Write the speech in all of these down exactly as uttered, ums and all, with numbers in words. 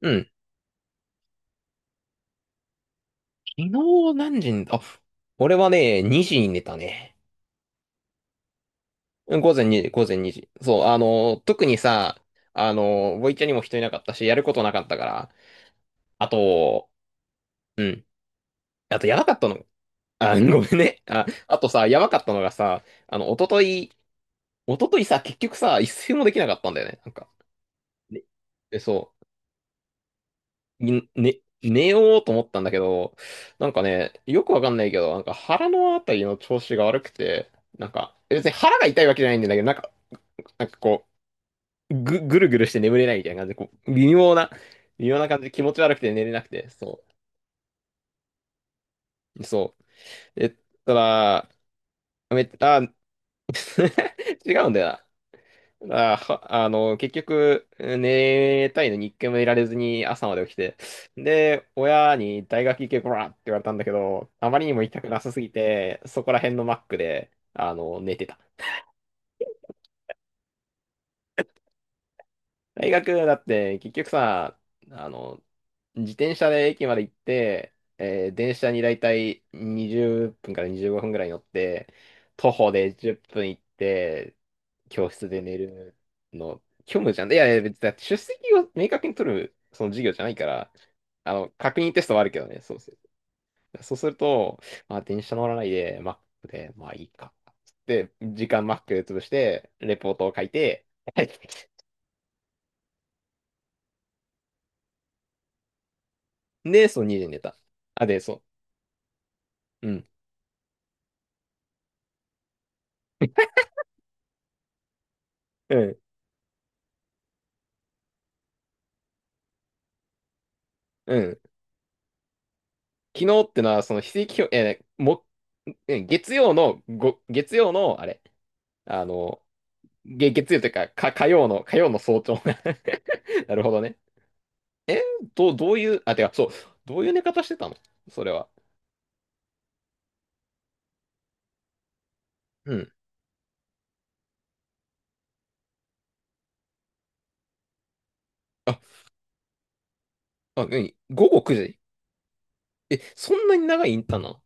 うん。昨日何時に、あ、俺はね、にじに寝たね。うん午前にじ、午前にじ。そう、あの、特にさ、あの、ボイチャにも人いなかったし、やることなかったから。あと、うん。あと、やばかったの。あ、ごめんね。あ、あとさ、やばかったのがさ、あの、おととい、おとといさ、結局さ、一睡もできなかったんだよね。なんか。で、でそう。いね、寝ようと思ったんだけど、なんかね、よくわかんないけど、なんか腹のあたりの調子が悪くて、なんか、別に腹が痛いわけじゃないんだけど、なんか、なんかこう、ぐ、ぐるぐるして眠れないみたいな感じで、こう、微妙な、微妙な感じで気持ち悪くて寝れなくて、そう、そう。え、ただ、めっあ、違うんだよな。あ、はあの、結局、寝たいのに一回もいられずに朝まで起きて。で、親に大学行けこらって言われたんだけど、あまりにも行きたくなさすぎて、そこら辺のマックで、あの、寝てた。大学だって結局さ、あの、自転車で駅まで行って、えー電車にだいたいにじゅっぷんからにじゅうごふんぐらい乗って、徒歩でじゅっぷん行って、教室で寝るの、虚無じゃん。いやいや、別にだって出席を明確に取るその授業じゃないから、あの、確認テストはあるけどね、そうする。そうすると、まあ、電車乗らないで、マックで、まあいいか。つって、時間マックで潰して、レポートを書いて、で、そう、にじに寝た。あ、で、そう。うん。うん。うん。昨日ってのは、その、非正規表、えーも、え月曜の、ご、月曜の、あれ、あの、げ月曜というか、か、火曜の、火曜の早朝 なるほどね。え、どう、どういう、あ、てか、そう、どういう寝方してたのそれは。うん。あ、あ、何午後くじえ、そんなに長いインターンなの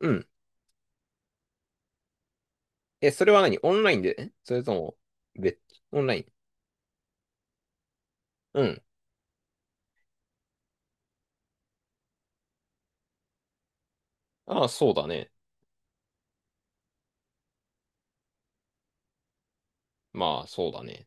うん。え、それは何オンラインでえそれとも、別、オンライン。うん。ああ、そうだね。まあ、そうだね。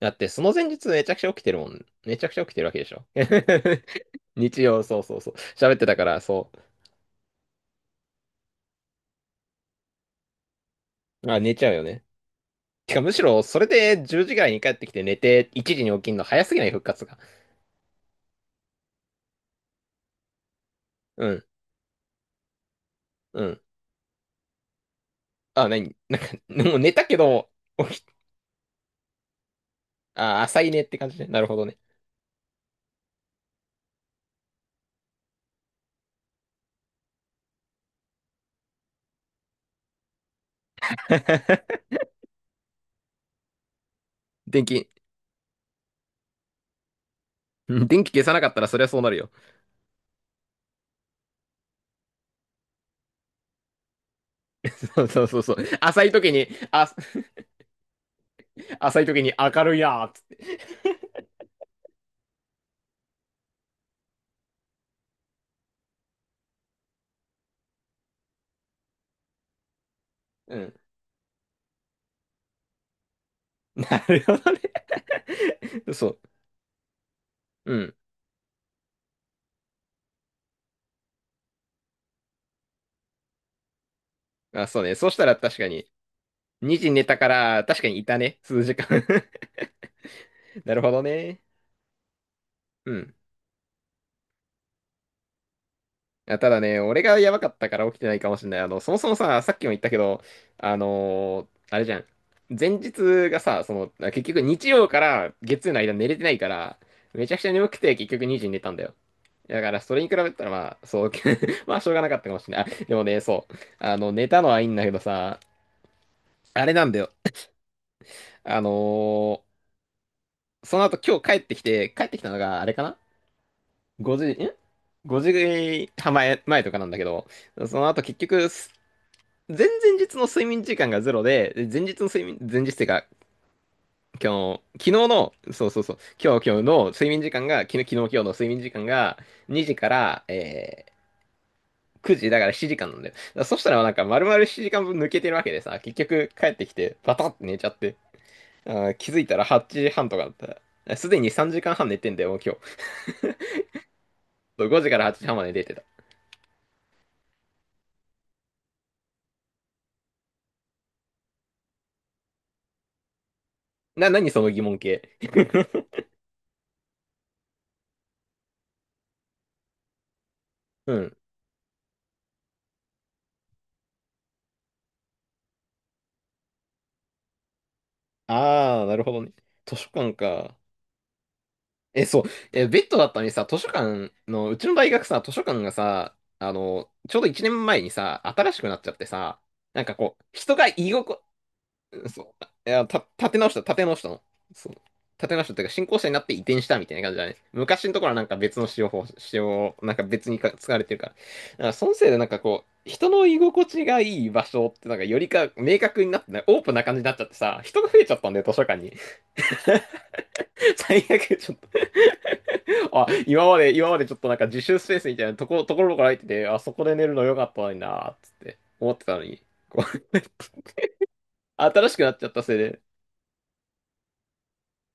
だって、その前日めちゃくちゃ起きてるもん。めちゃくちゃ起きてるわけでしょ。日曜、そうそうそう。喋ってたから、そう。あ、寝ちゃうよね。てか、むしろ、それでじゅうじぐらいに帰ってきて寝て、いちじに起きんの早すぎない復活が。うん、うん。あ、何 なんか、もう寝たけど、起き、あ、浅いねって感じね。なるほどね。電気、うん電気消さなかったらそりゃそうなるよ。そうそうそうそう。浅い時に、あ、浅い時に明るいなーっつって。うん。なるほどね。そう。うん。あ、そうね。そしたら確かに、にじ寝たから、確かにいたね。数時間 なるほどね。うん。あ、ただね、俺がやばかったから起きてないかもしれない。あの、そもそもさ、さっきも言ったけど、あのーあれじゃん。前日がさ、その、あ結局日曜から月曜の間寝れてないから、めちゃくちゃ眠くて結局にじに寝たんだよ。だから、それに比べたらまあ、そう、まあ、しょうがなかったかもしれない。あでもね、そう。あの、寝たのはいいんだけどさ、あれなんだよ。あのーその後今日帰ってきて、帰ってきたのがあれかなごじ、ん ?ご 時半前、前とかなんだけど、その後結局、す前々日の睡眠時間がゼロで、で前日の睡眠、前日っていうか、今日の、昨日の、そうそうそう、今日今日の睡眠時間が、昨日昨日今日の睡眠時間がにじから、えーくじだからななじかんなんだよ。だからそしたらなんか丸々7時間分抜けてるわけでさ、結局帰ってきてバタって寝ちゃって、あー気づいたらはちじはんとかだった。あすでにさんじかんはん寝てんだよ、もう今日。そうごじからはちじはんまで寝てた。な、何その疑問系。うん。ああ、なるほどね。図書館か。え、そう。え、ベッドだったのにさ、図書館の、うちの大学さ、図書館がさ、あの、ちょうどいちねんまえにさ、新しくなっちゃってさ、なんかこう、人が居心、そう、いや、た、立て直した、立て直したの。そう。立て直したっていうか、新校舎になって移転したみたいな感じだね。昔のところはなんか別の使用法、使用、なんか別にか使われてるから。だからそのせいでなんかこう、人の居心地がいい場所ってなんかよりか明確になってない、オープンな感じになっちゃってさ、人が増えちゃったんだよ、図書館に。最悪、ちょっと、あ、今まで、今までちょっとなんか自習スペースみたいなとこ、ところから入ってて、あそこで寝るの良かったのになーっつって思ってたのに、こう、新しくなっちゃったせいで、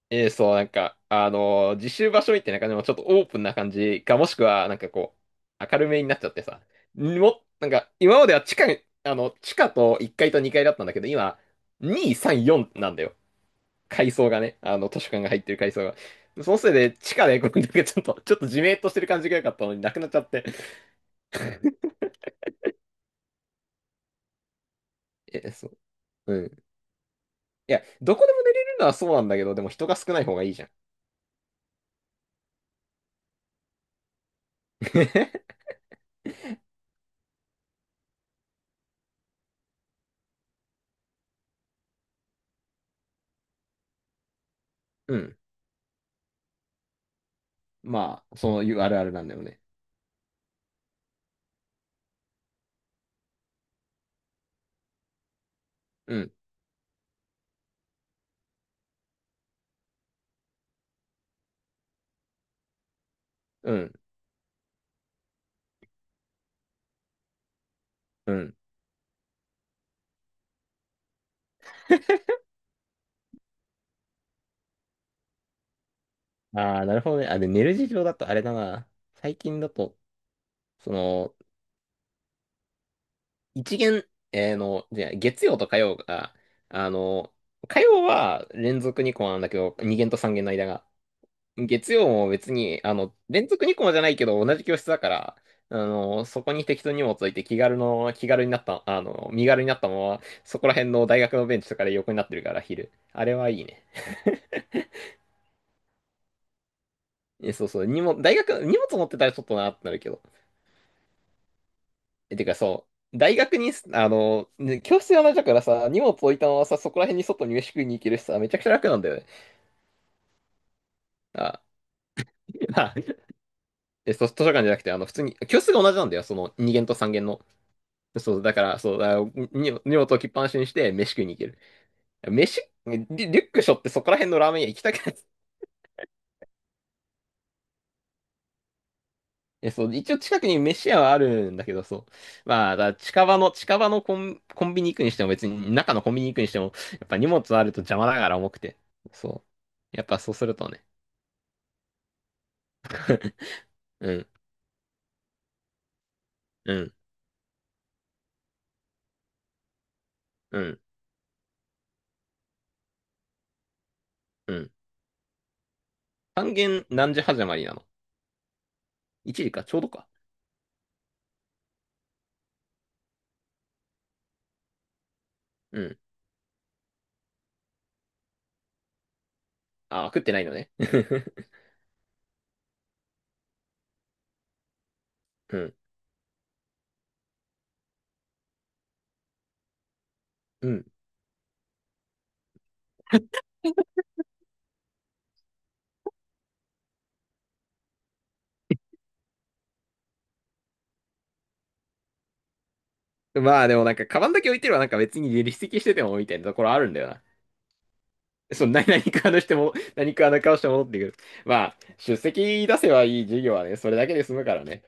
えー、そう、なんか、あのー自習場所みたいな感じもちょっとオープンな感じか、もしくは、なんかこう、明るめになっちゃってさ、も、なんか、今までは地下、あの、地下といっかいとにかいだったんだけど、今、に、さん、よんなんだよ。階層がね、あの、図書館が入ってる階層が。そのせいで、地下で、こうなんかちょっと、ちょっとじめっとしてる感じが良かったのになくなっちゃって。え、そう。うん。いや、どこでも寝れるのはそうなんだけど、でも人が少ない方がいいじゃん。うん。まあ、そういうあるあるなんだよね。うん。うん。うん。ああ、なるほどね。あ、で、寝る事情だとあれだな。最近だと、その、一限、えーの、じゃあ月曜と火曜が、あの、火曜は連続にこうなんだけど、に限とさん限の間が。月曜も別に、あの、連続にコマじゃないけど、同じ教室だから、あの、そこに適当に荷物置いて気軽の、気軽になった、あの、身軽になったまま、そこら辺の大学のベンチとかで横になってるから、昼。あれはいいね。え、そうそう、荷物、大学、荷物持ってたらちょっとなってなるけど。え、てかそう、大学に、あの、ね教室が同じだからさ、荷物置いたままさ、そこら辺に外に飯食いに行けるしさ、めちゃくちゃ楽なんだよね。あ、あ、え、そう図書館じゃなくて、あの、普通に、教室が同じなんだよ、そのに限とさん限の。そう、だから、そう、だからに荷物置きっぱなしにして、飯食いに行ける。飯、リリュック背負ってそこら辺のラーメン屋行きたくない。え、そう、一応近くに飯屋はあるんだけど、そう。まあ、だから近場の、近場のコン、コンビニ行くにしても、別に中のコンビニ行くにしても、やっぱ荷物あると邪魔だから重くて。そう。やっぱそうするとね。うん、うん、うん、うん。半減何時始まりなの ?いち 時か、ちょうどか。うん。あ、食ってないのね。うん、うん。まあでもなんか、カバンだけ置いてればなんか別に離席しててもみたいなところあるんだよな。その 何、何かのしても、何かの顔して戻ってくる。まあ、出席出せばいい授業はね、それだけで済むからね。